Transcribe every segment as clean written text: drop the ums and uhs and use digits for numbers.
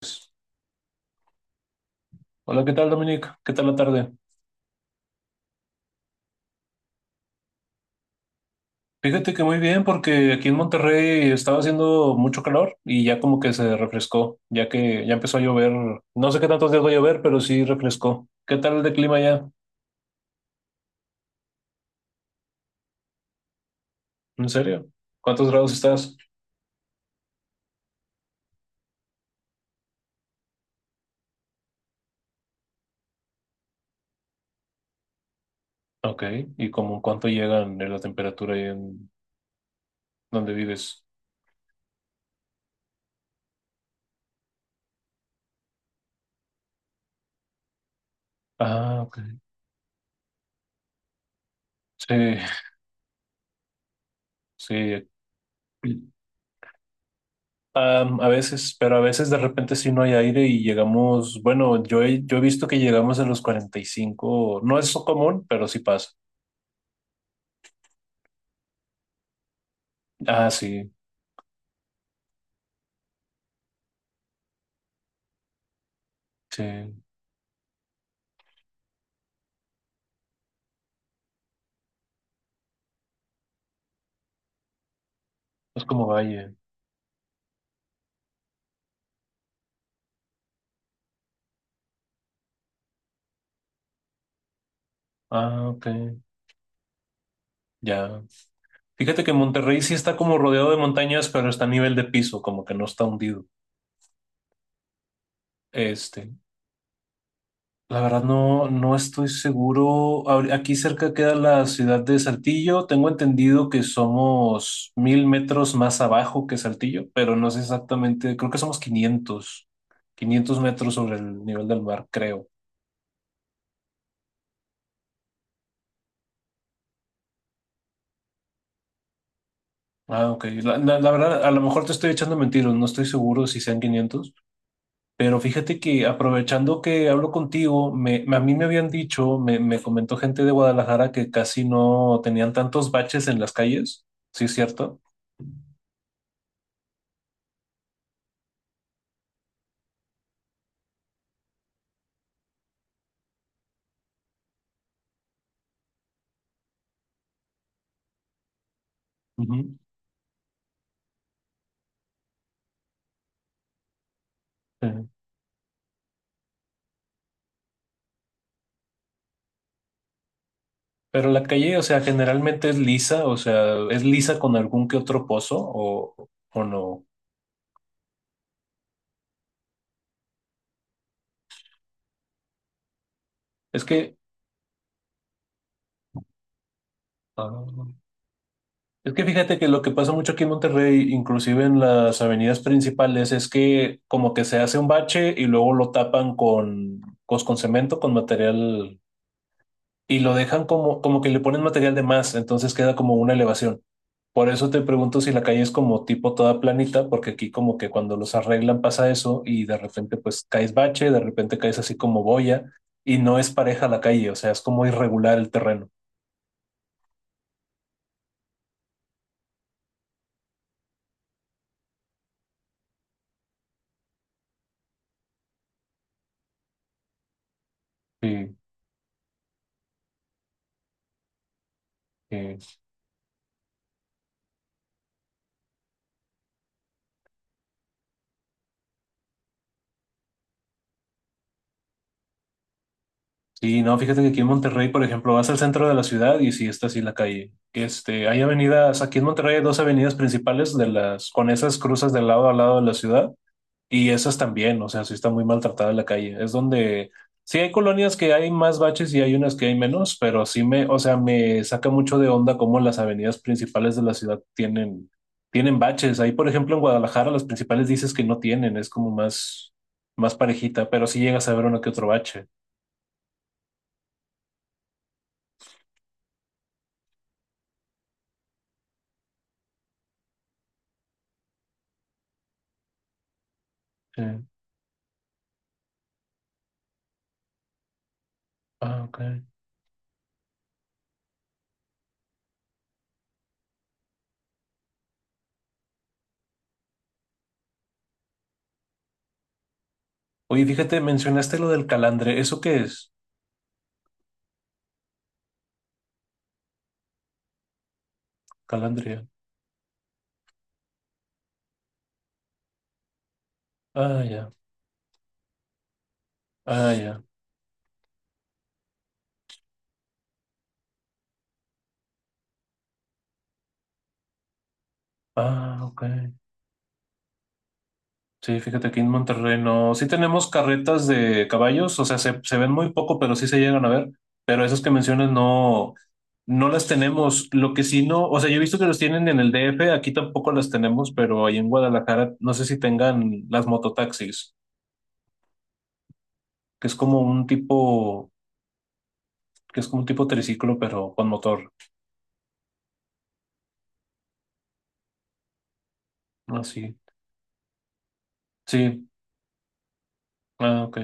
Pues, Hola, ¿qué tal, Dominic? ¿Qué tal la tarde? Fíjate que muy bien, porque aquí en Monterrey estaba haciendo mucho calor y ya como que se refrescó, ya que ya empezó a llover. No sé qué tantos días va a llover, pero sí refrescó. ¿Qué tal de clima ya? ¿En serio? ¿Cuántos grados estás? Ok, ¿y como cuánto llegan de la temperatura ahí en donde vives? Ah, ok. Sí, sí. A veces, pero a veces de repente sí no hay aire y llegamos, bueno, yo he visto que llegamos a los 45. No es común, pero sí pasa. Ah, sí, sí, es como valle. Ah, ok, ya. Fíjate que Monterrey sí está como rodeado de montañas, pero está a nivel de piso, como que no está hundido. Este, La verdad no, no estoy seguro. Aquí cerca queda la ciudad de Saltillo. Tengo entendido que somos 1000 metros más abajo que Saltillo, pero no sé exactamente. Creo que somos 500 500 metros sobre el nivel del mar, creo. Ah, ok. La verdad, a lo mejor te estoy echando mentiras. No estoy seguro si sean 500. Pero fíjate que aprovechando que hablo contigo, a mí me habían dicho, me comentó gente de Guadalajara que casi no tenían tantos baches en las calles. ¿Sí es cierto? Ujú. Sí. Pero la calle, o sea, generalmente es lisa, o sea, es lisa con algún que otro pozo o no. Es que, ah, es que fíjate que lo que pasa mucho aquí en Monterrey, inclusive en las avenidas principales, es que como que se hace un bache y luego lo tapan con, pues, con cemento, con material y lo dejan como, como que le ponen material de más, entonces queda como una elevación. Por eso te pregunto si la calle es como tipo toda planita, porque aquí como que cuando los arreglan pasa eso y de repente pues caes bache, de repente caes así como boya y no es pareja la calle, o sea, es como irregular el terreno. Sí, sí. Sí, no, fíjate que aquí en Monterrey, por ejemplo, vas al centro de la ciudad y sí está así la calle. Este, hay avenidas, aquí en Monterrey hay 2 avenidas principales de las, con esas cruzas de lado a lado de la ciudad. Y esas también, o sea, sí está muy maltratada la calle. Es donde sí hay colonias que hay más baches y hay unas que hay menos, pero sí me, o sea, me saca mucho de onda cómo las avenidas principales de la ciudad tienen, tienen baches. Ahí, por ejemplo, en Guadalajara, las principales dices que no tienen, es como más, más parejita, pero sí llegas a ver uno que otro bache. Sí. Ah, ok. Oye, fíjate, mencionaste lo del calandre. ¿Eso qué es? Calandria. Ah, ya. Ah, ya. Ah, ok. Sí, fíjate que en Monterrey no. Sí tenemos carretas de caballos, o sea, se ven muy poco, pero sí se llegan a ver. Pero esas que mencionas no, no las tenemos. Lo que sí no, o sea, yo he visto que los tienen en el DF, aquí tampoco las tenemos, pero ahí en Guadalajara no sé si tengan las mototaxis, que es como un tipo, que es como un tipo triciclo, pero con motor. Así. Sí. Ah, ok.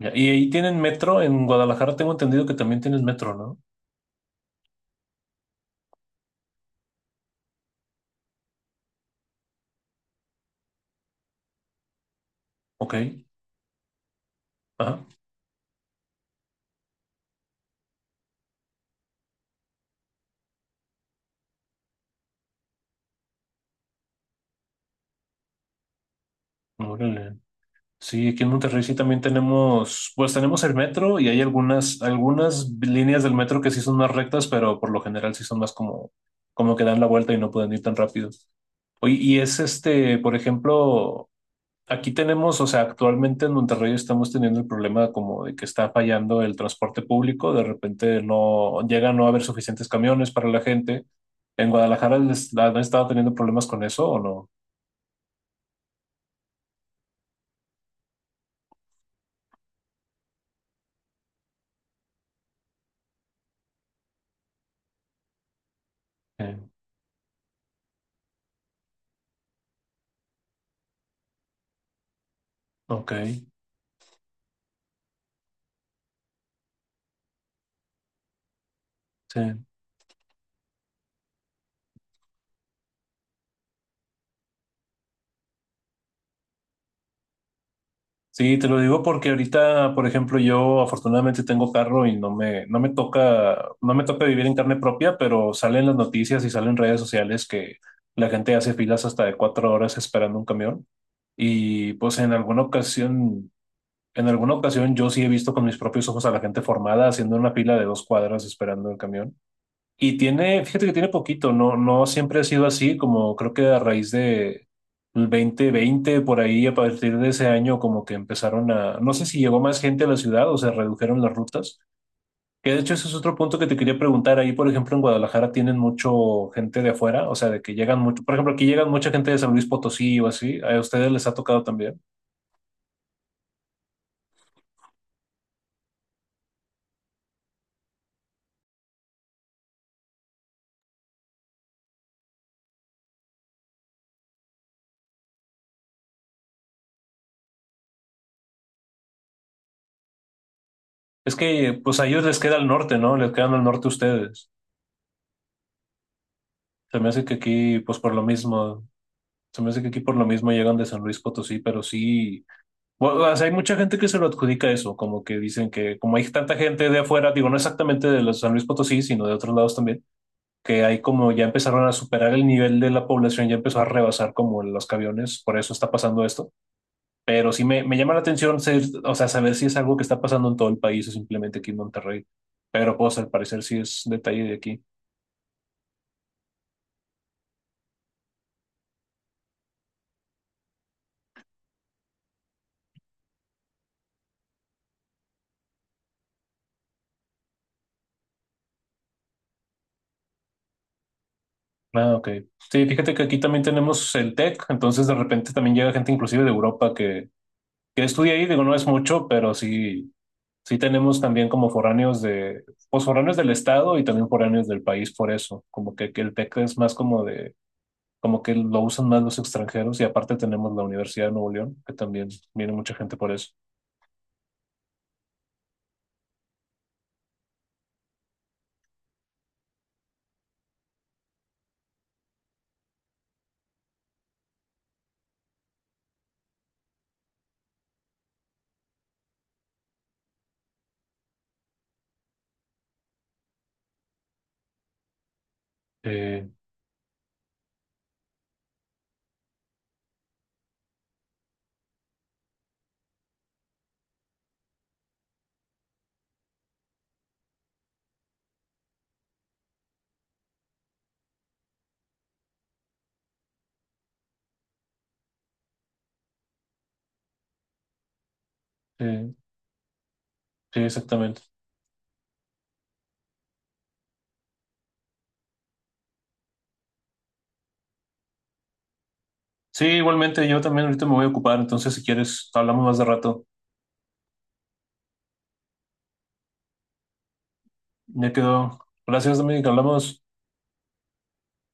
Ya, y ahí tienen metro. En Guadalajara tengo entendido que también tienes metro, ¿no? Ok. Ah, órale. Sí, aquí en Monterrey sí también tenemos, pues tenemos el metro y hay algunas, algunas líneas del metro que sí son más rectas, pero por lo general sí son más como, como que dan la vuelta y no pueden ir tan rápido. Oye, y es este, por ejemplo, aquí tenemos, o sea, actualmente en Monterrey estamos teniendo el problema como de que está fallando el transporte público, de repente no llega a no haber suficientes camiones para la gente. ¿En Guadalajara han estado teniendo problemas con eso o no? Eh, ok, sí. Sí, te lo digo porque ahorita, por ejemplo, yo afortunadamente tengo carro y no me toca, no me toca vivir en carne propia, pero salen las noticias y salen redes sociales que la gente hace filas hasta de 4 horas esperando un camión. Y pues en alguna ocasión, en alguna ocasión yo sí he visto con mis propios ojos a la gente formada haciendo una fila de 2 cuadras esperando el camión. Y tiene, fíjate que tiene poquito, no, no siempre ha sido así, como creo que a raíz de el 2020 por ahí, a partir de ese año, como que empezaron a, no sé si llegó más gente a la ciudad o se redujeron las rutas, que de hecho ese es otro punto que te quería preguntar, ahí por ejemplo en Guadalajara tienen mucho gente de afuera, o sea, de que llegan mucho, por ejemplo, aquí llegan mucha gente de San Luis Potosí o así, a ustedes les ha tocado también. Es que pues a ellos les queda el norte, ¿no? Les quedan al norte ustedes. Se me hace que aquí, pues por lo mismo. Se me hace que aquí por lo mismo llegan de San Luis Potosí, pero sí, bueno, o sea, hay mucha gente que se lo adjudica eso, como que dicen que como hay tanta gente de afuera, digo, no exactamente de los San Luis Potosí, sino de otros lados también, que hay como ya empezaron a superar el nivel de la población, ya empezó a rebasar como los camiones, por eso está pasando esto. Pero sí me llama la atención, o sea, saber si es algo que está pasando en todo el país o simplemente aquí en Monterrey. Pero pues al parecer sí es detalle de aquí. Ah, ok. Sí, fíjate que aquí también tenemos el TEC, entonces de repente también llega gente inclusive de Europa que estudia ahí, digo, no es mucho, pero sí, sí tenemos también como foráneos de, pues foráneos del estado y también foráneos del país por eso, como que el TEC es más como de, como que lo usan más los extranjeros y aparte tenemos la Universidad de Nuevo León, que también viene mucha gente por eso. Eh, eh, sí, exactamente. Sí, igualmente, yo también ahorita me voy a ocupar, entonces si quieres, hablamos más de rato. Ya quedó. Gracias, Dominic, hablamos.